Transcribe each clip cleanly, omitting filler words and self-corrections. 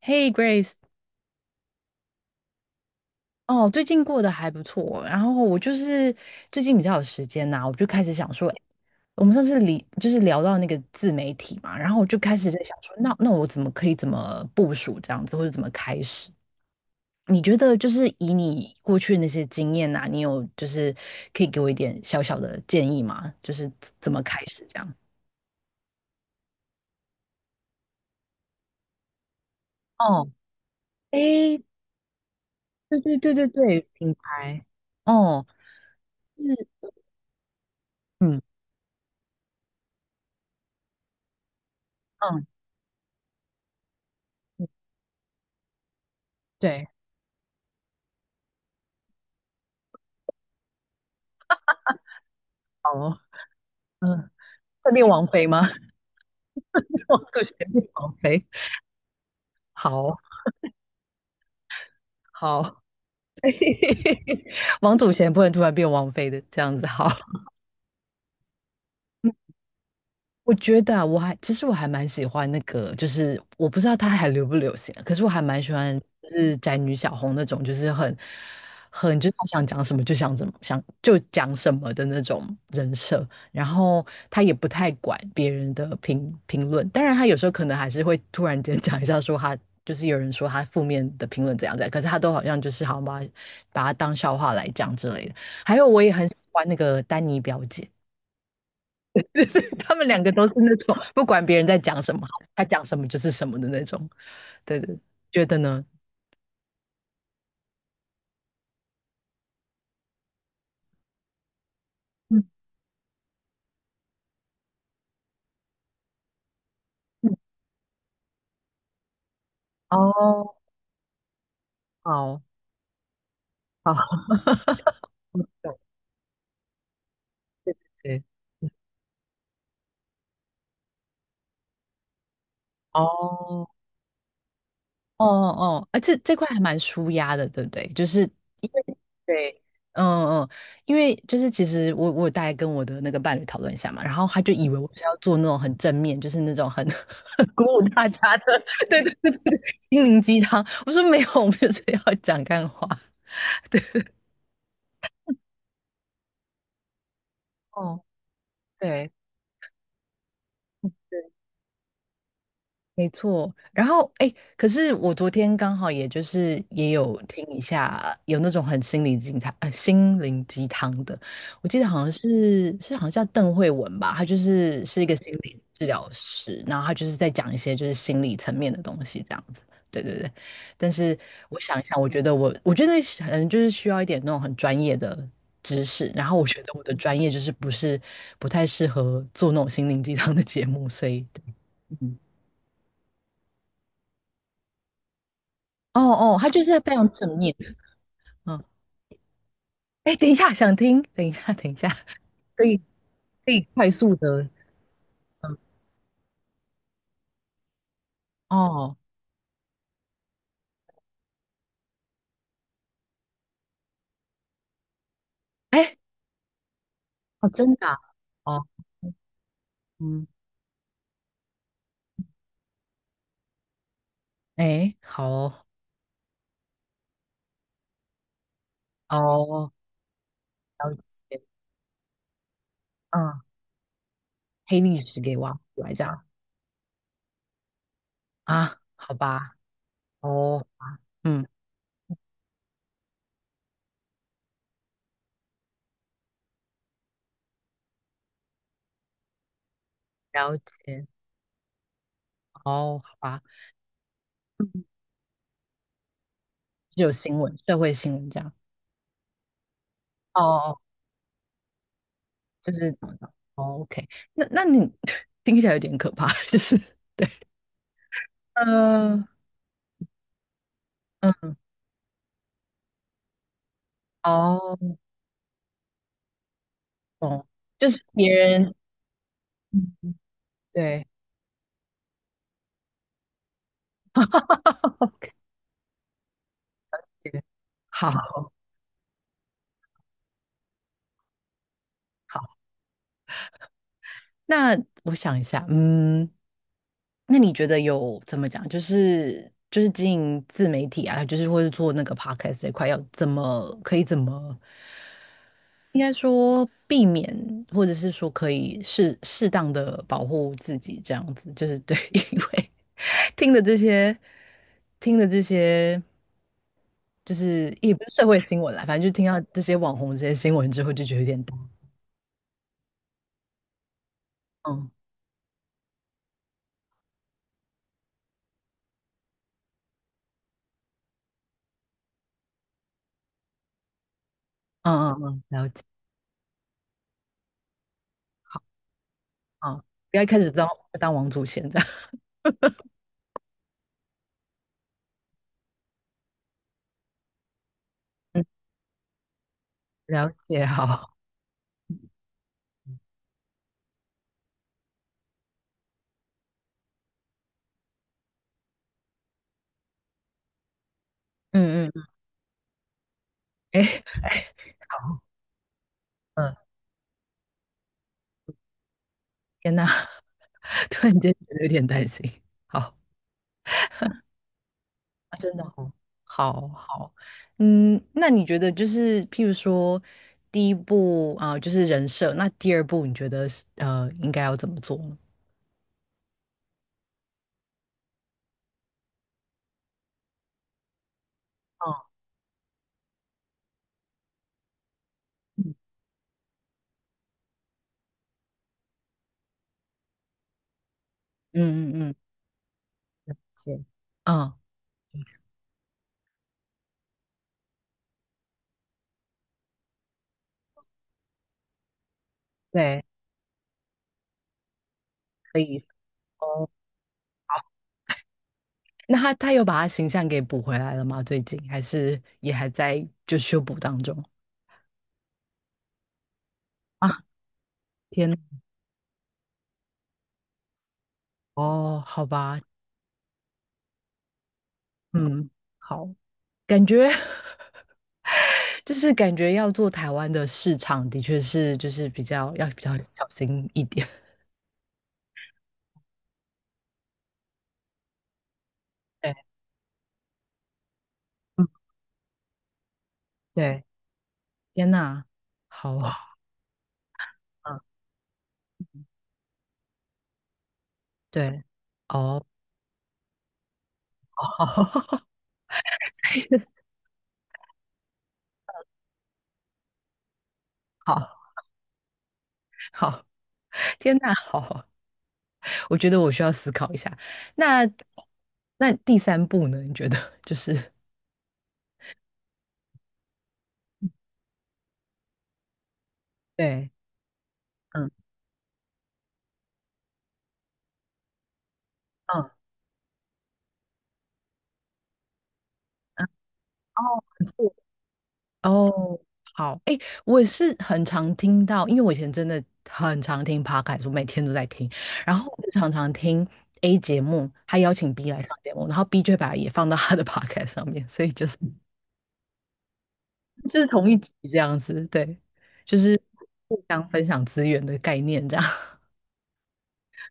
Hey Grace，哦，最近过得还不错。然后我就是最近比较有时间呐、我就开始想说，诶我们上次理就是聊到那个自媒体嘛，然后我就开始在想说，那我怎么可以怎么部署这样子，或者怎么开始？你觉得就是以你过去的那些经验呐、你有就是可以给我一点小小的建议吗？就是怎么开始这样？哦，诶，对对对对对，品牌，哦，是，嗯嗯，对，好哦。会变王妃吗？王祖贤变王妃。好好，王祖贤不能突然变王妃的，这样子好。我觉得啊，其实我还蛮喜欢那个，就是我不知道他还流不流行啊，可是我还蛮喜欢，就是宅女小红那种，就是很就是她想讲什么就想怎么想就讲什么的那种人设，然后她也不太管别人的评论，当然她有时候可能还是会突然间 讲一下说她就是有人说她负面的评论怎样怎样，可是她都好像就是好像把它当笑话来讲之类的。还有我也很喜欢那个丹妮表姐。他们两个都是那种 不管别人在讲什么，他讲什么就是什么的那种。对对，觉得呢？嗯嗯，哦，好好，对对，哦哦哦，啊，这这块还蛮舒压的，对不对？就是因为对。嗯嗯，因为就是其实我大概跟我的那个伴侣讨论一下嘛，然后他就以为我是要做那种很正面，就是那种很 很鼓舞大家的，对对对对，对心灵鸡汤。我说没有，我们就是要讲干话。哦，对，没错，然后哎，诶可是我昨天刚好也就是也有听一下，有那种很心灵鸡汤，心灵鸡汤的，我记得好像是好像叫邓慧文吧，她就是是一个心理治疗师，然后她就是在讲一些就是心理层面的东西这样子，对对对。但是我想一想，我觉得我觉得可能就是需要一点那种很专业的知识，然后我觉得我的专业就是不是不太适合做那种心灵鸡汤的节目，所以对嗯哦哦，他就是非常正面。嗯，哎，等一下，想听，等一下，等一下，可以可以快速的，嗯，哦，哎，哦，真的啊哦，嗯，哎，好哦，哦，了解，嗯，黑历史给挖出来这样啊，好吧，哦，嗯，了解，哦，好吧，嗯，就有新闻，社会新闻这样，哦哦，就是找到，哦，OK，那那你 听起来有点可怕，就是，嗯嗯，哦。懂，就是别人，嗯，对，对好好，那我想一下，嗯，那你觉得有怎么讲？就是就是经营自媒体啊，就是或是做那个 podcast 这块，要怎么可以怎么，应该说避免，或者是说可以适当的保护自己，这样子就是对，因为听的这些听的这些，就是也不是社会新闻啦，反正就听到这些网红这些新闻之后，就觉得有点担心。嗯嗯嗯嗯，了解。啊，不要一开始当王祖贤这样。了解，好，嗯嗯，哎，哎，好，嗯，天呐，突然间觉得有点担心，好，啊，真的好，好好，嗯，那你觉得就是譬如说第一步啊、就是人设，那第二步你觉得是应该要怎么做呢？哦，嗯，嗯嗯嗯行，嗯，对，可以哦。那他他有把他形象给补回来了吗？最近还是也还在就修补当中啊？天呐哦，好吧，嗯，好，感觉 就是感觉要做台湾的市场，的确是就是比较要比较小心一点。对，嗯，对，天呐，好，嗯，对，哦，好，好，好，天呐，好，我觉得我需要思考一下。那第三步呢？你觉得就是 对，嗯嗯嗯，哦，很酷哦，好，哎，我也是很常听到，因为我以前真的很常听 podcast，我每天都在听，然后我就常常听 A 节目，他邀请 B 来上节目，然后 B 就会把也放到他的 podcast 上面，所以就是同一集这样子，对，就是互相分享资源的概念这样，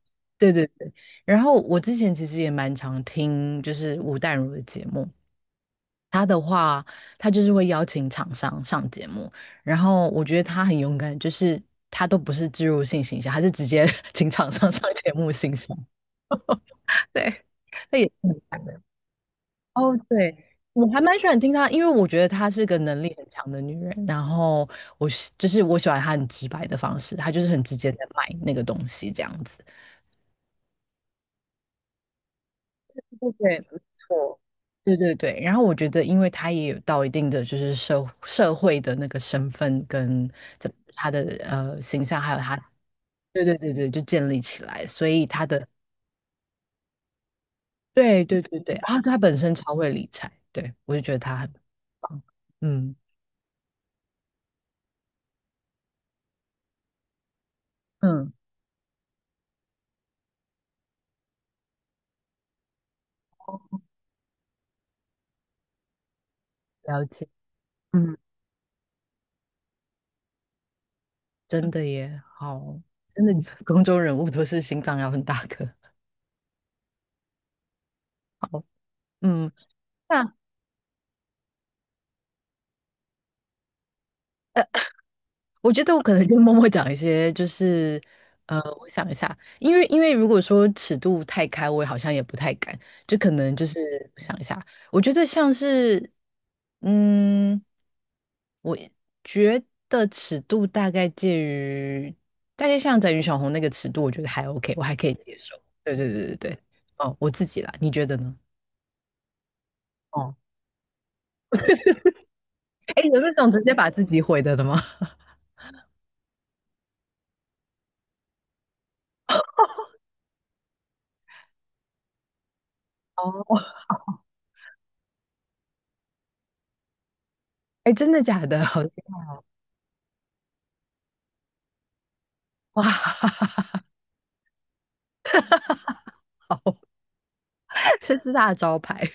对对对。然后我之前其实也蛮常听就是吴淡如的节目，他的话，他就是会邀请厂商上节目，然后我觉得他很勇敢，就是他都不是植入性形象，他是直接 请厂商上节目形象，对，那也是很赞的。哦，对，我还蛮喜欢听他，因为我觉得她是个能力很强的女人。然后就是我喜欢她很直白的方式，她就是很直接在卖那个东西这样子。对对，没错，对对对。然后我觉得，因为他也有到一定的就是社会的那个身份跟他的形象，还有他，对对对对，就建立起来，所以他的，对对对对，啊，他本身超会理财，对，我就觉得他很棒，嗯嗯，了解，嗯，真的耶，好，真的 公众人物都是心脏要很大颗，好，嗯。那。我觉得我可能就默默讲一些，就是我想一下，因为如果说尺度太开，我好像也不太敢，就可能就是我想一下，我觉得像是嗯，我觉得尺度大概介于大概像在于小红那个尺度，我觉得还 OK，我还可以接受。对对对对对，哦，我自己啦，你觉得呢？哦，哎，有那种直接把自己毁的吗？哦，哎，真的假的？哇，这是他的招牌。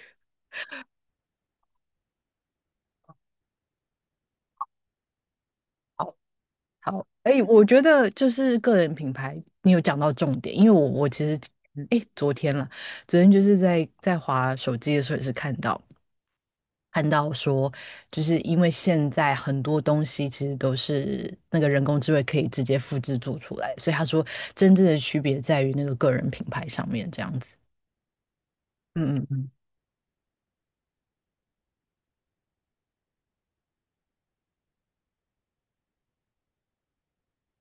好，哎，我觉得就是个人品牌，你有讲到重点，因为我其实，哎，昨天了，昨天就是在滑手机的时候也是看到说，就是因为现在很多东西其实都是那个人工智慧可以直接复制做出来，所以他说真正的区别在于那个个人品牌上面这样子。嗯嗯嗯，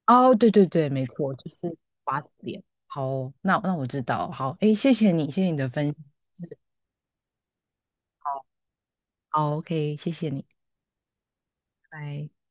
哦，对对对，没错，就是瓜子脸。好哦那我知道，好，哎，谢谢你，谢谢你的分享，好，OK，谢谢你，拜。